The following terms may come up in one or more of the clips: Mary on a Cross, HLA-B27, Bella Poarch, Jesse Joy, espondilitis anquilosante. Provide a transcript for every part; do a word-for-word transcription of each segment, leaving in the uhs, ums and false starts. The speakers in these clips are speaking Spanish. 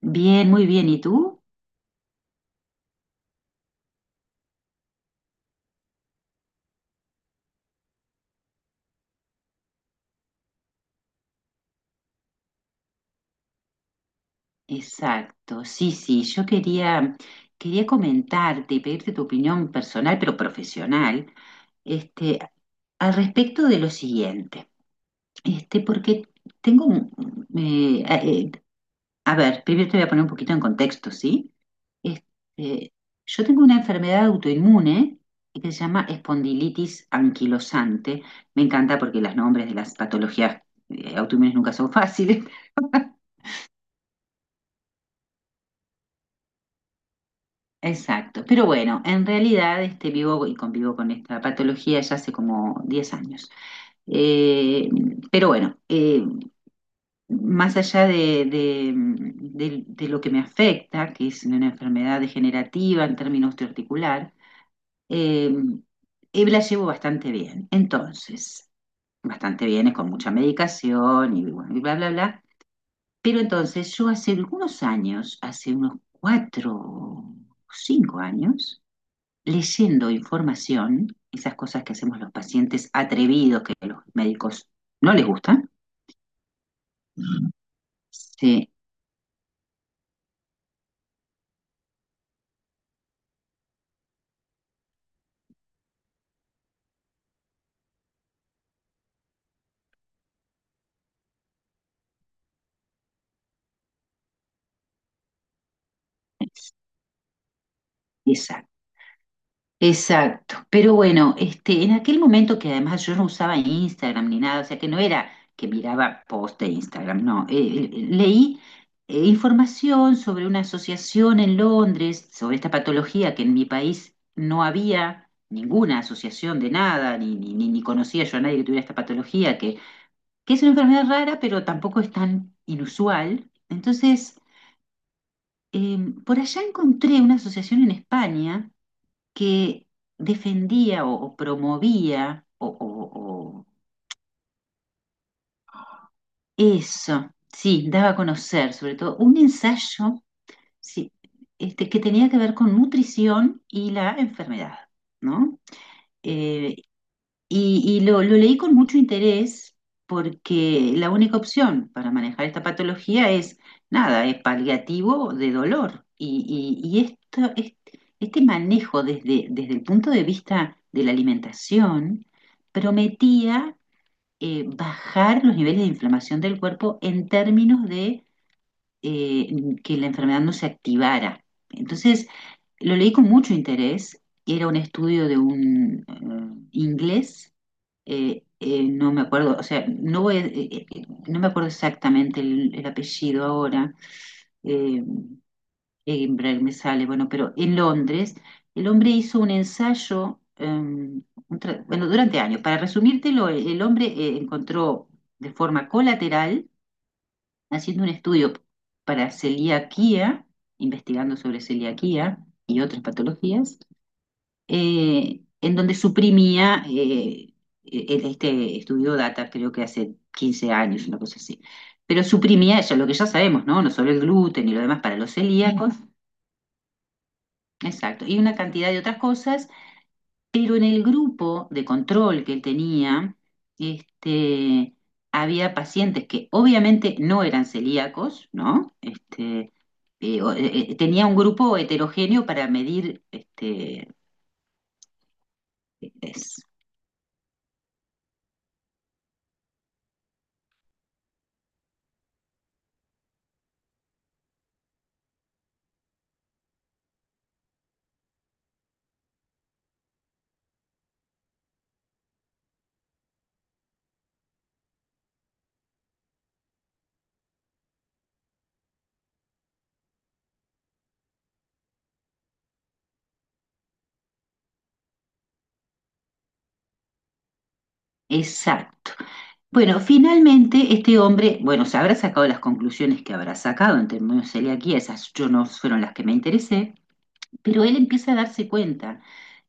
Bien, muy bien. ¿Y tú? Exacto, sí, sí, yo quería, quería comentarte, pedirte tu opinión personal, pero profesional, este, al respecto de lo siguiente, este, porque tengo un, eh, a eh, a ver, primero te voy a poner un poquito en contexto, ¿sí? Este, yo tengo una enfermedad autoinmune que se llama espondilitis anquilosante. Me encanta porque los nombres de las patologías eh, autoinmunes nunca son fáciles. Exacto, pero bueno, en realidad este, vivo y convivo con esta patología ya hace como diez años. Eh, pero bueno, eh, más allá de, de- de- de lo que me afecta, que es una enfermedad degenerativa en términos osteoarticular, eh, eh, la llevo bastante bien. Entonces, bastante bien, es con mucha medicación y, bueno, y bla, bla, bla. Pero entonces yo hace algunos años, hace unos cuatro o cinco años, leyendo información, esas cosas que hacemos los pacientes atrevidos que los médicos no les gustan. Mm. Sí, exacto. Exacto. Pero bueno, este, en aquel momento que además yo no usaba Instagram ni nada, o sea que no era que miraba post de Instagram, no. Eh, eh, leí eh, información sobre una asociación en Londres, sobre esta patología que en mi país no había ninguna asociación de nada, ni, ni, ni- ni conocía yo a nadie que tuviera esta patología, que que es una enfermedad rara, pero tampoco es tan inusual. Entonces, eh, por allá encontré una asociación en España que defendía o, o promovía o, o- o- eso, sí, daba a conocer sobre todo un ensayo sí, este, que tenía que ver con nutrición y la enfermedad, ¿no? Eh, Y, y lo, lo leí con mucho interés porque la única opción para manejar esta patología es nada, es paliativo de dolor. Y, y- y esto, este, este manejo desde, desde el punto de vista de la alimentación prometía eh, bajar los niveles de inflamación del cuerpo en términos eh, que la enfermedad no se activara. Entonces, lo leí con mucho interés. Era un estudio de un eh, inglés, eh, eh, no me acuerdo, o sea, no voy a- eh, eh, no me acuerdo exactamente el, el apellido ahora, eh, Edinburgh me sale, bueno, pero en Londres, el hombre hizo un ensayo, eh, un tra- bueno, durante años. Para resumírtelo, el, el hombre eh, encontró de forma colateral haciendo un estudio para celiaquía, investigando sobre celiaquía y otras patologías, eh, en donde suprimía eh, el- este estudio data, creo que hace quince años, una cosa así. Pero suprimía eso, lo que ya sabemos, ¿no? No solo el gluten y lo demás para los celíacos, exacto, y una cantidad de otras cosas, pero en el grupo de control que él tenía, este había pacientes que obviamente no eran celíacos, ¿no? Este, eh, o- eh, eh, tenía un grupo heterogéneo para medir este, es- exacto. Bueno, finalmente este hombre, bueno, se habrá sacado las conclusiones que habrá sacado en términos de celiaquía, esas yo no fueron las que me interesé, pero él empieza a darse cuenta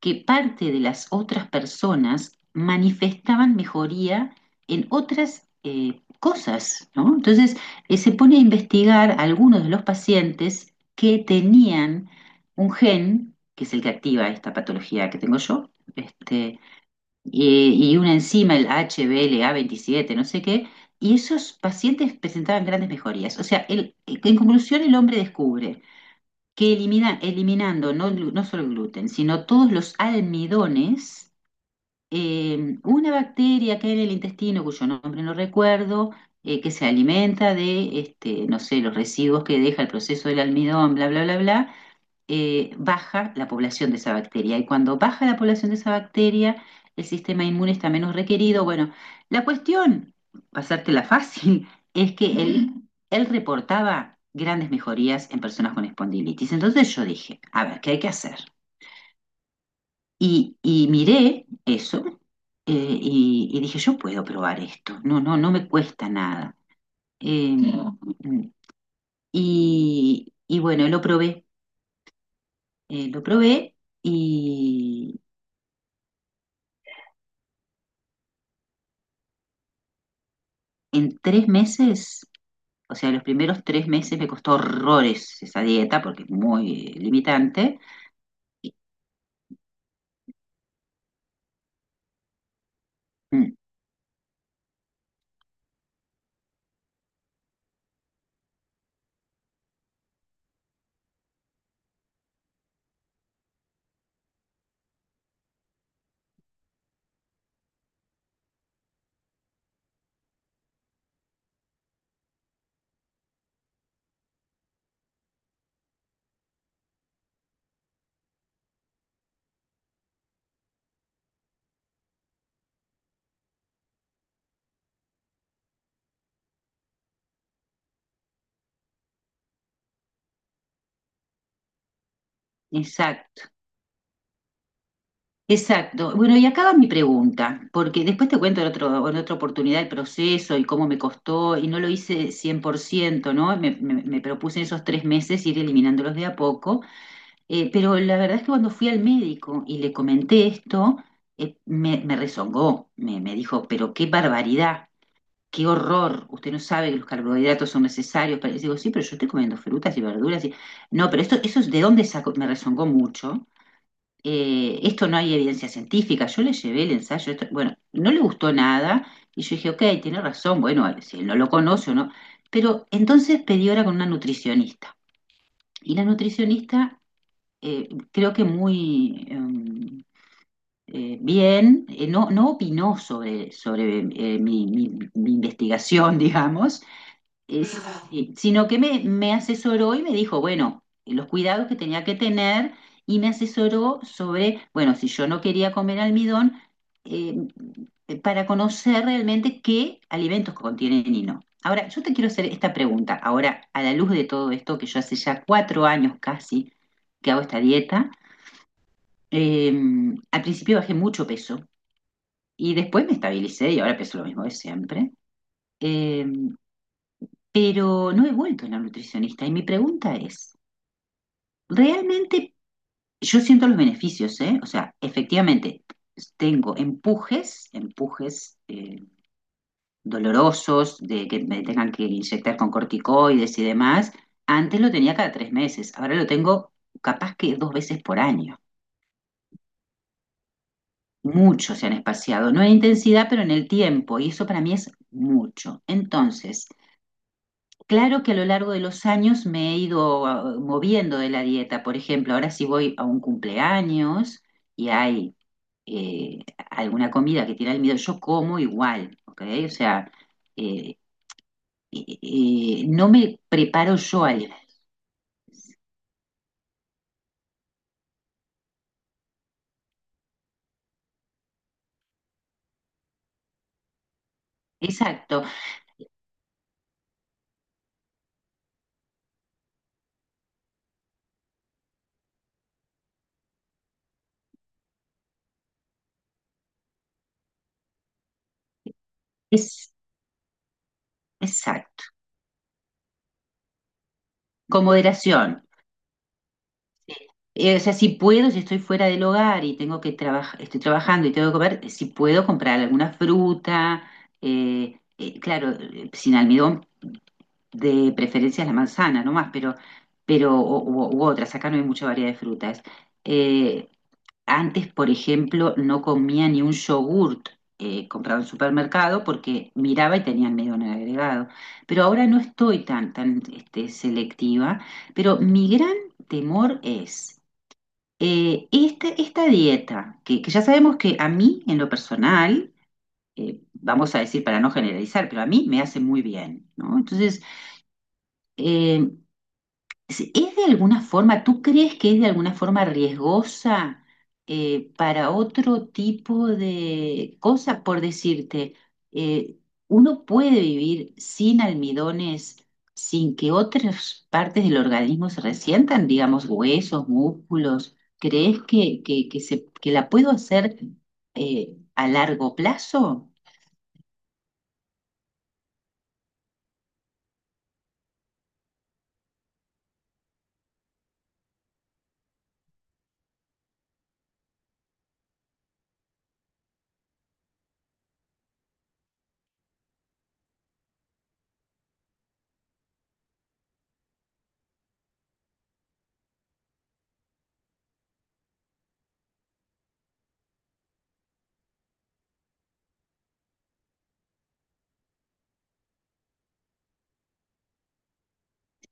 que parte de las otras personas manifestaban mejoría en otras eh, cosas, ¿no? Entonces, eh, se pone a investigar a algunos de los pacientes que tenían un gen, que es el que activa esta patología que tengo yo, este, y, y una enzima, el H B L A veintisiete, no sé qué, y esos pacientes presentaban grandes mejorías. O sea, el- en conclusión, el hombre descubre que elimina, eliminando no, glu- no solo el gluten, sino todos los almidones, eh, una bacteria que hay en el intestino, cuyo nombre no recuerdo, eh, que se alimenta de, este, no sé, los residuos que deja el proceso del almidón, bla, bla, bla, bla, eh, baja la población de esa bacteria. Y cuando baja la población de esa bacteria, el sistema inmune está menos requerido. Bueno, la cuestión, pasártela fácil, es que él, él reportaba grandes mejorías en personas con espondilitis. Entonces yo dije, a ver, ¿qué hay que hacer? Y, y miré eso eh, y, y dije, yo puedo probar esto. No, no, no me cuesta nada. Eh, y, y bueno, lo probé. eh, lo probé y, en tres meses, o sea, los primeros tres meses me costó horrores esa dieta porque es muy eh, limitante. Mm. Exacto, exacto. Bueno, y acaba mi pregunta, porque después te cuento en, otro, en otra oportunidad el proceso y cómo me costó, y no lo hice cien por ciento, ¿no? Me, me, me propuse en esos tres meses ir eliminándolos de a poco, eh, pero la verdad es que cuando fui al médico y le comenté esto, eh, me, me rezongó, me, me dijo, pero qué barbaridad. Qué horror, usted no sabe que los carbohidratos son necesarios. Para... Y digo, sí, pero yo estoy comiendo frutas y verduras. Y... No, pero esto, eso es de dónde saco, me rezongó mucho. Eh, esto no hay evidencia científica. Yo le llevé el ensayo, esto- bueno, no le gustó nada. Y yo dije, ok, tiene razón, bueno, si él no lo conoce o no. Pero entonces pedí hora con una nutricionista. Y la nutricionista eh, creo que muy em, eh, bien, eh, no, no opinó sobre, sobre eh, mi, mi- mi investigación, digamos, es- eh, sino que me, me asesoró y me dijo, bueno, los cuidados que tenía que tener y me asesoró sobre, bueno, si yo no quería comer almidón, eh, para conocer realmente qué alimentos contienen y no. Ahora, yo te quiero hacer esta pregunta, ahora, a la luz de todo esto, que yo hace ya cuatro años casi que hago esta dieta, eh, al principio bajé mucho peso y después me estabilicé y ahora peso lo mismo de siempre. Em, pero no he vuelto a la nutricionista. Y mi pregunta es, realmente yo siento los beneficios, ¿eh? O sea, efectivamente, tengo empujes, empujes eh, dolorosos de que me tengan que inyectar con corticoides y demás. Antes lo tenía cada tres meses, ahora lo tengo capaz que dos veces por año. Mucho se han espaciado, no en intensidad, pero en el tiempo, y eso para mí es mucho. Entonces, Claro que a lo largo de los años me he ido ah, moviendo de la dieta. Por ejemplo, ahora si voy a un cumpleaños y hay eh, alguna comida que tiene almidón, yo como igual, ¿ok? O sea, eh, eh, eh, no me preparo yo al... Exacto, es, exacto, con moderación. Eh, o sea, si puedo, si estoy fuera del hogar y tengo que trabajar, estoy trabajando y tengo que comer, si puedo comprar alguna fruta, eh, eh, claro, eh, sin almidón de preferencia la manzana nomás, pero, pero o- u, u otras, acá no hay mucha variedad de frutas. Eh, Antes, por ejemplo, no comía ni un yogurt eh, comprado en supermercado porque miraba y tenían medio en el agregado. Pero ahora no estoy tan, tan este, selectiva, pero mi gran temor es... eh, esta, esta dieta, que, que ya sabemos que a mí, en lo personal, eh, vamos a decir para no generalizar, pero a mí me hace muy bien, ¿no? Entonces, eh, ¿Es es de alguna forma, tú crees que es de alguna forma riesgosa eh, para otro tipo de cosas? Por decirte, eh, uno puede vivir sin almidones, sin que otras partes del organismo se resientan, digamos, huesos, músculos. ¿Crees que, que, que se, que la puedo hacer eh, a largo plazo?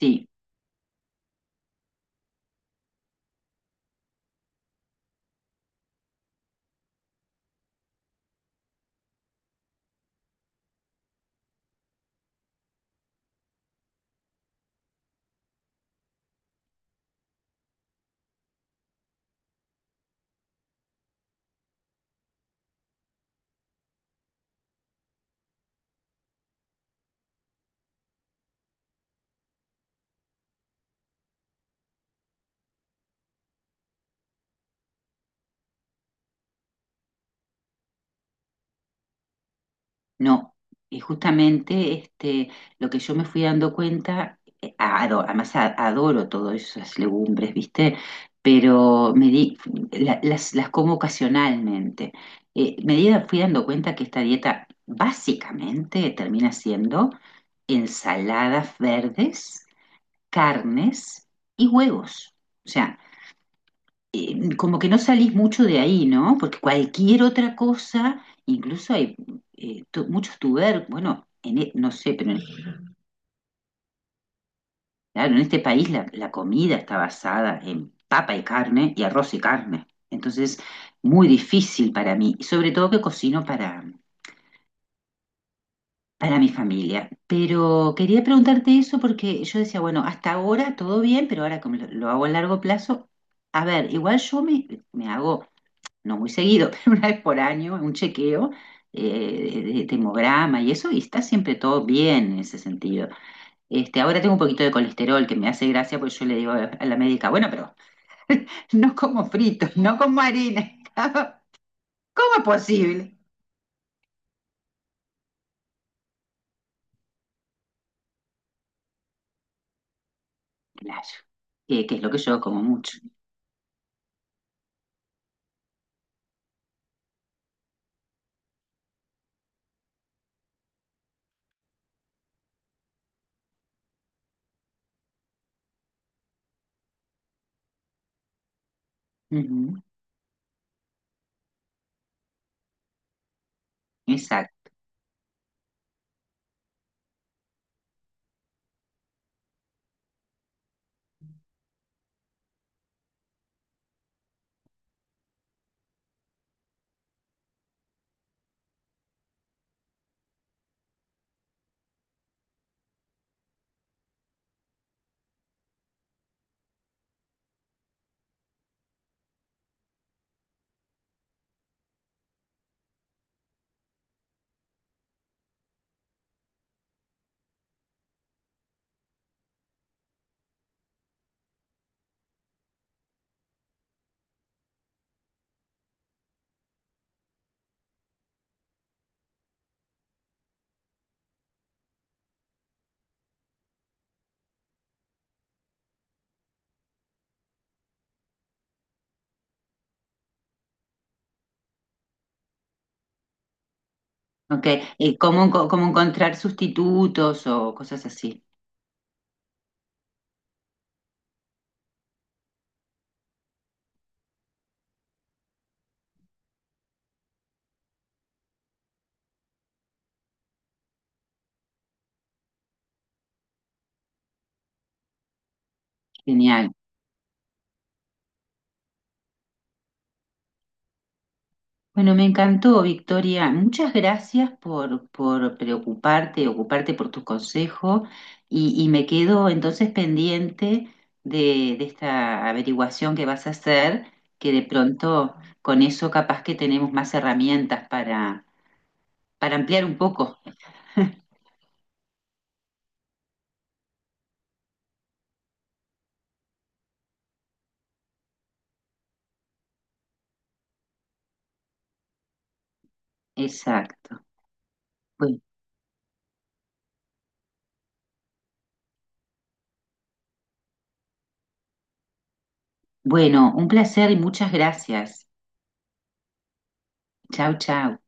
Sí. No, y justamente este, lo que yo me fui dando cuenta, eh, ado- además a- adoro todas esas legumbres, ¿viste? Pero me di, la- las, las como ocasionalmente. Eh, me di- fui dando cuenta que esta dieta básicamente termina siendo ensaladas verdes, carnes y huevos. O sea, eh, como que no salís mucho de ahí, ¿no? Porque cualquier otra cosa, incluso hay eh, tu- muchos tubérculos. bueno, en e- no sé, pero en, claro, en este país la, la comida está basada en papa y carne y arroz y carne. Entonces, muy difícil para mí, y sobre todo que cocino para, para mi familia. Pero quería preguntarte eso porque yo decía, bueno, hasta ahora todo bien, pero ahora como lo, lo hago a largo plazo, a ver, igual yo me, me hago no muy seguido, pero una vez por año, un chequeo eh, de de hemograma y eso, y está siempre todo bien en ese sentido. Este, ahora tengo un poquito de colesterol que me hace gracia, pues yo le digo a a la médica, bueno, pero no como fritos, no como harina. ¿Cómo es posible? Claro, eh, que es lo que yo como mucho. Ujú, Exacto. Ok, eh, ¿cómo, enco- cómo encontrar sustitutos o cosas así? Genial. Bueno, me encantó, Victoria. Muchas gracias por, por preocuparte, ocuparte por tu consejo y, y me quedo entonces pendiente de, de esta averiguación que vas a hacer, que de pronto con eso capaz que tenemos más herramientas para, para ampliar un poco. Exacto. Bueno, bueno, un placer y muchas gracias. Chau, chau.